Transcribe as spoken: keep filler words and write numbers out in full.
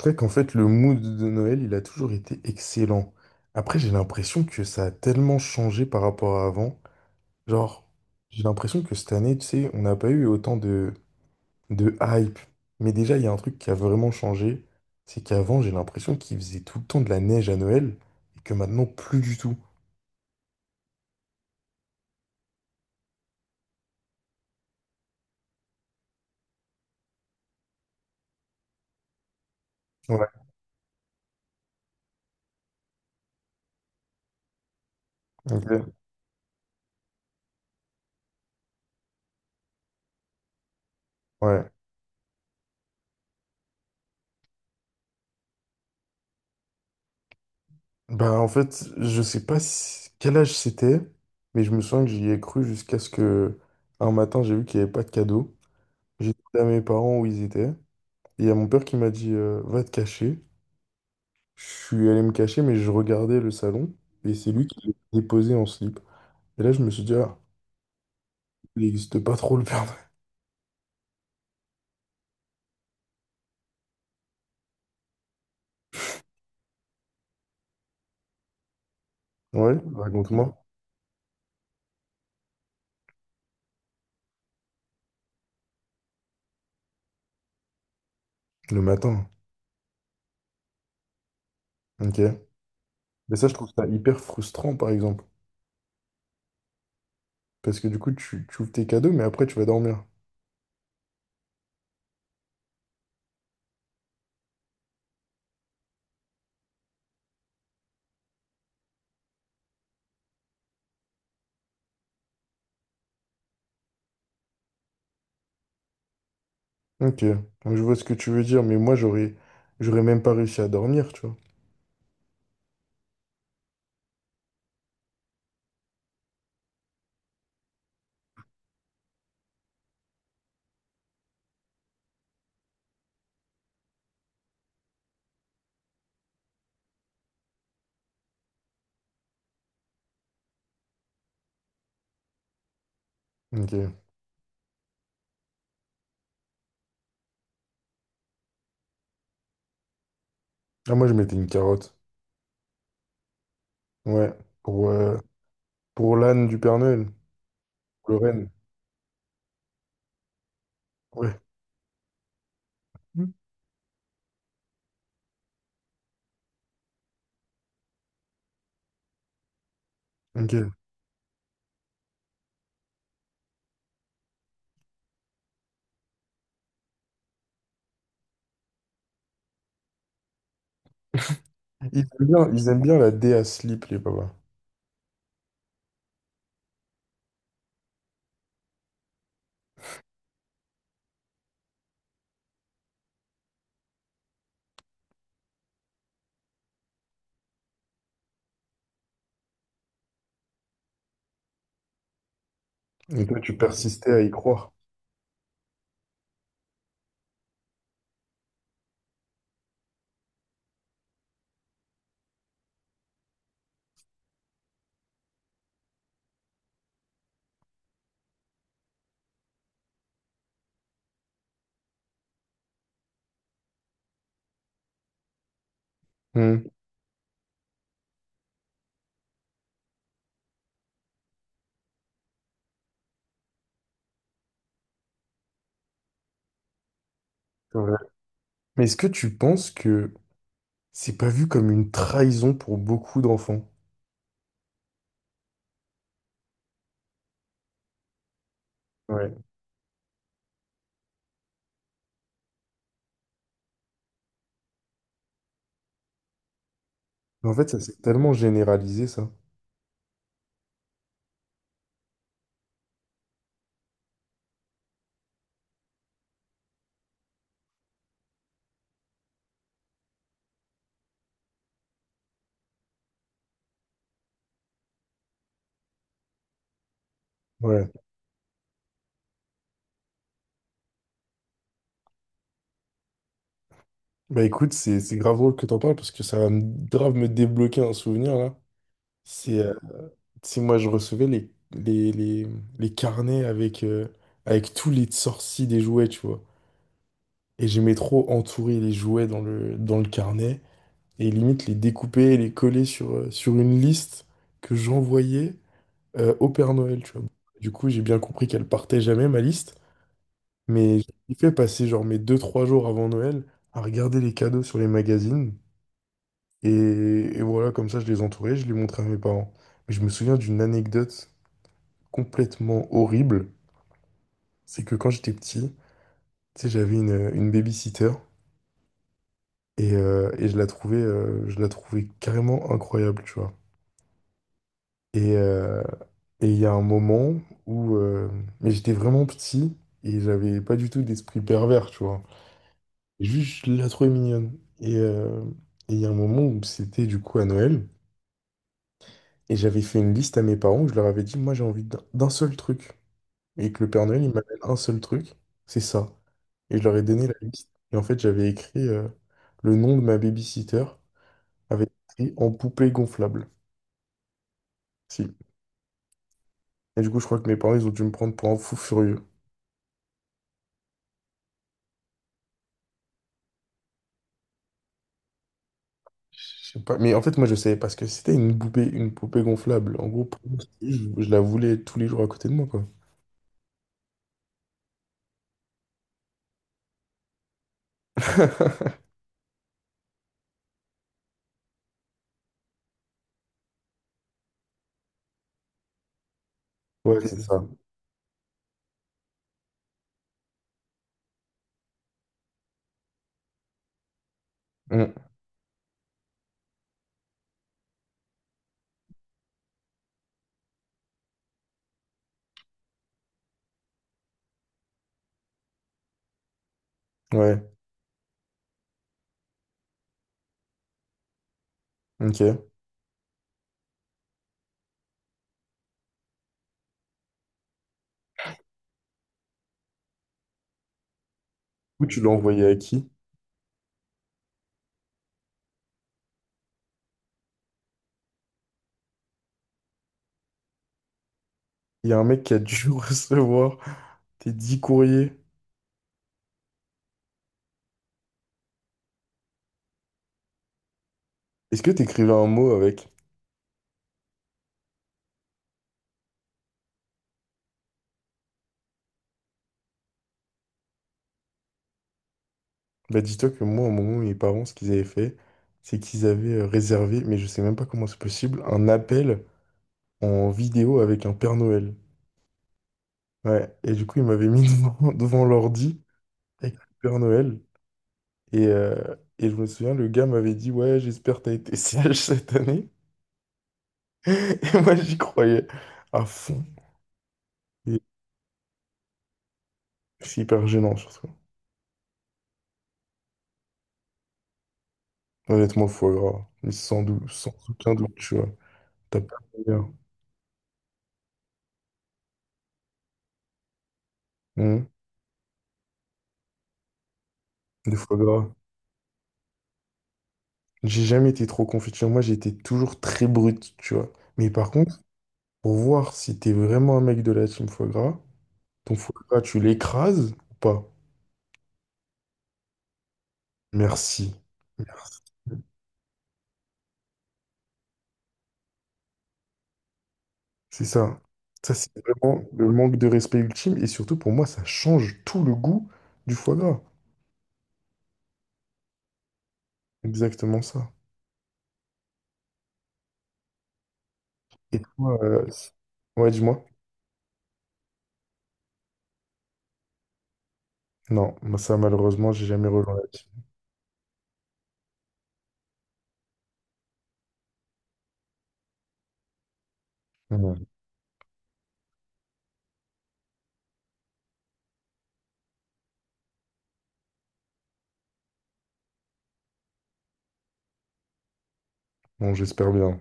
C'est vrai qu'en fait, le mood de Noël, il a toujours été excellent. Après, j'ai l'impression que ça a tellement changé par rapport à avant. Genre, j'ai l'impression que cette année, tu sais, on n'a pas eu autant de, de hype. Mais déjà, il y a un truc qui a vraiment changé. C'est qu'avant, j'ai l'impression qu'il faisait tout le temps de la neige à Noël et que maintenant, plus du tout. Ouais. Ok. Ouais. Bah, en fait, je sais pas si- quel âge c'était, mais je me souviens que j'y ai cru jusqu'à ce que un matin, j'ai vu qu'il n'y avait pas de cadeau. J'ai demandé à mes parents où ils étaient. Et il y a mon père qui m'a dit, euh, va te cacher. Je suis allé me cacher, mais je regardais le salon et c'est lui qui l'a déposé en slip. Et là, je me suis dit, ah, il n'existe pas trop le Père Noël. Ouais, raconte-moi. Le matin. Ok. Mais ça, je trouve ça hyper frustrant, par exemple. Parce que du coup, tu, tu ouvres tes cadeaux, mais après, tu vas dormir. Ok. Donc, je vois ce que tu veux dire, mais moi, j'aurais, j'aurais même pas réussi à dormir, tu vois. Ok. Ah, moi, je mettais une carotte. Ouais. Pour, euh, pour l'âne du Père Noël. Le renne. Ouais. Mm. Ok. Ils aiment bien, ils aiment bien la dé à slip, les papas. Et toi, tu persistais à y croire. Hmm, c'est vrai. Mais est-ce que tu penses que c'est pas vu comme une trahison pour beaucoup d'enfants? Ouais. En fait, ça s'est tellement généralisé, ça. Ouais. Bah écoute, c'est c'est grave drôle que t'en parles parce que ça va me- grave me débloquer un souvenir là. C'est euh, si moi je recevais les, les, les, les carnets avec, euh, avec tous les sorties des jouets, tu vois. Et j'aimais trop entourer les jouets dans le, dans le carnet. Et limite les découper et les coller sur, euh, sur une liste que j'envoyais euh, au Père Noël, tu vois. Du coup, j'ai bien compris qu'elle partait jamais, ma liste, mais j'ai fait passer genre mes deux trois jours avant Noël à regarder les cadeaux sur les magazines, et, et voilà, comme ça, je les entourais, je les montrais à mes parents. Mais je me souviens d'une anecdote complètement horrible, c'est que quand j'étais petit, tu sais, j'avais une, une babysitter, et, euh, et je la trouvais, euh, je la trouvais carrément incroyable, tu vois. Et euh, et il y a un moment où... euh, mais j'étais vraiment petit et j'avais pas du tout d'esprit pervers, tu vois. Juste, je la trouvais mignonne. Et euh, et il y a un moment où c'était du coup à Noël. Et j'avais fait une liste à mes parents où je leur avais dit, moi j'ai envie d'un d'un seul truc. Et que le Père Noël, il m'amène un seul truc, c'est ça. Et je leur ai donné la liste. Et en fait, j'avais écrit euh, le nom de ma babysitter avec écrit en poupée gonflable. Si. Et du coup, je crois que mes parents, ils ont dû me prendre pour un fou furieux. Je sais pas, mais en fait, moi, je savais parce que c'était une poupée, une poupée gonflable. En gros, pour moi, c'était- je, je la voulais tous les jours à côté de moi, quoi. Ouais, c'est ça. Mm. Ouais, ok. Où tu l'as envoyé à qui? Il y a un mec qui a dû recevoir tes dix courriers. Est-ce que tu écrivais un mot avec? Bah, dis-toi que moi, à un moment, mes parents, ce qu'ils avaient fait, c'est qu'ils avaient euh, réservé, mais je sais même pas comment c'est possible, un appel en vidéo avec un Père Noël. Ouais, et du coup, ils m'avaient mis devant, devant l'ordi avec le Père Noël. Et, euh, et je me souviens, le gars m'avait dit, ouais, j'espère que t'as été sage cette année. Et moi, j'y croyais à fond. Et c'est hyper gênant, surtout. Honnêtement, le foie gras. Mais sans doute, sans aucun doute, tu vois. T'as pas de meilleur. Hum. Le foie gras. J'ai jamais été trop confiture. Moi, j'étais toujours très brut tu vois. Mais par contre, pour voir si t'es vraiment un mec de la team foie gras, ton foie gras, tu l'écrases ou pas? Merci. Merci. C'est ça. Ça, c'est vraiment le manque de respect ultime. Et surtout, pour moi, ça change tout le goût du foie gras. Exactement ça. Et toi, euh, ouais, dis-moi. Non, moi, ça, malheureusement, j'ai jamais relevé. Bon, j'espère bien.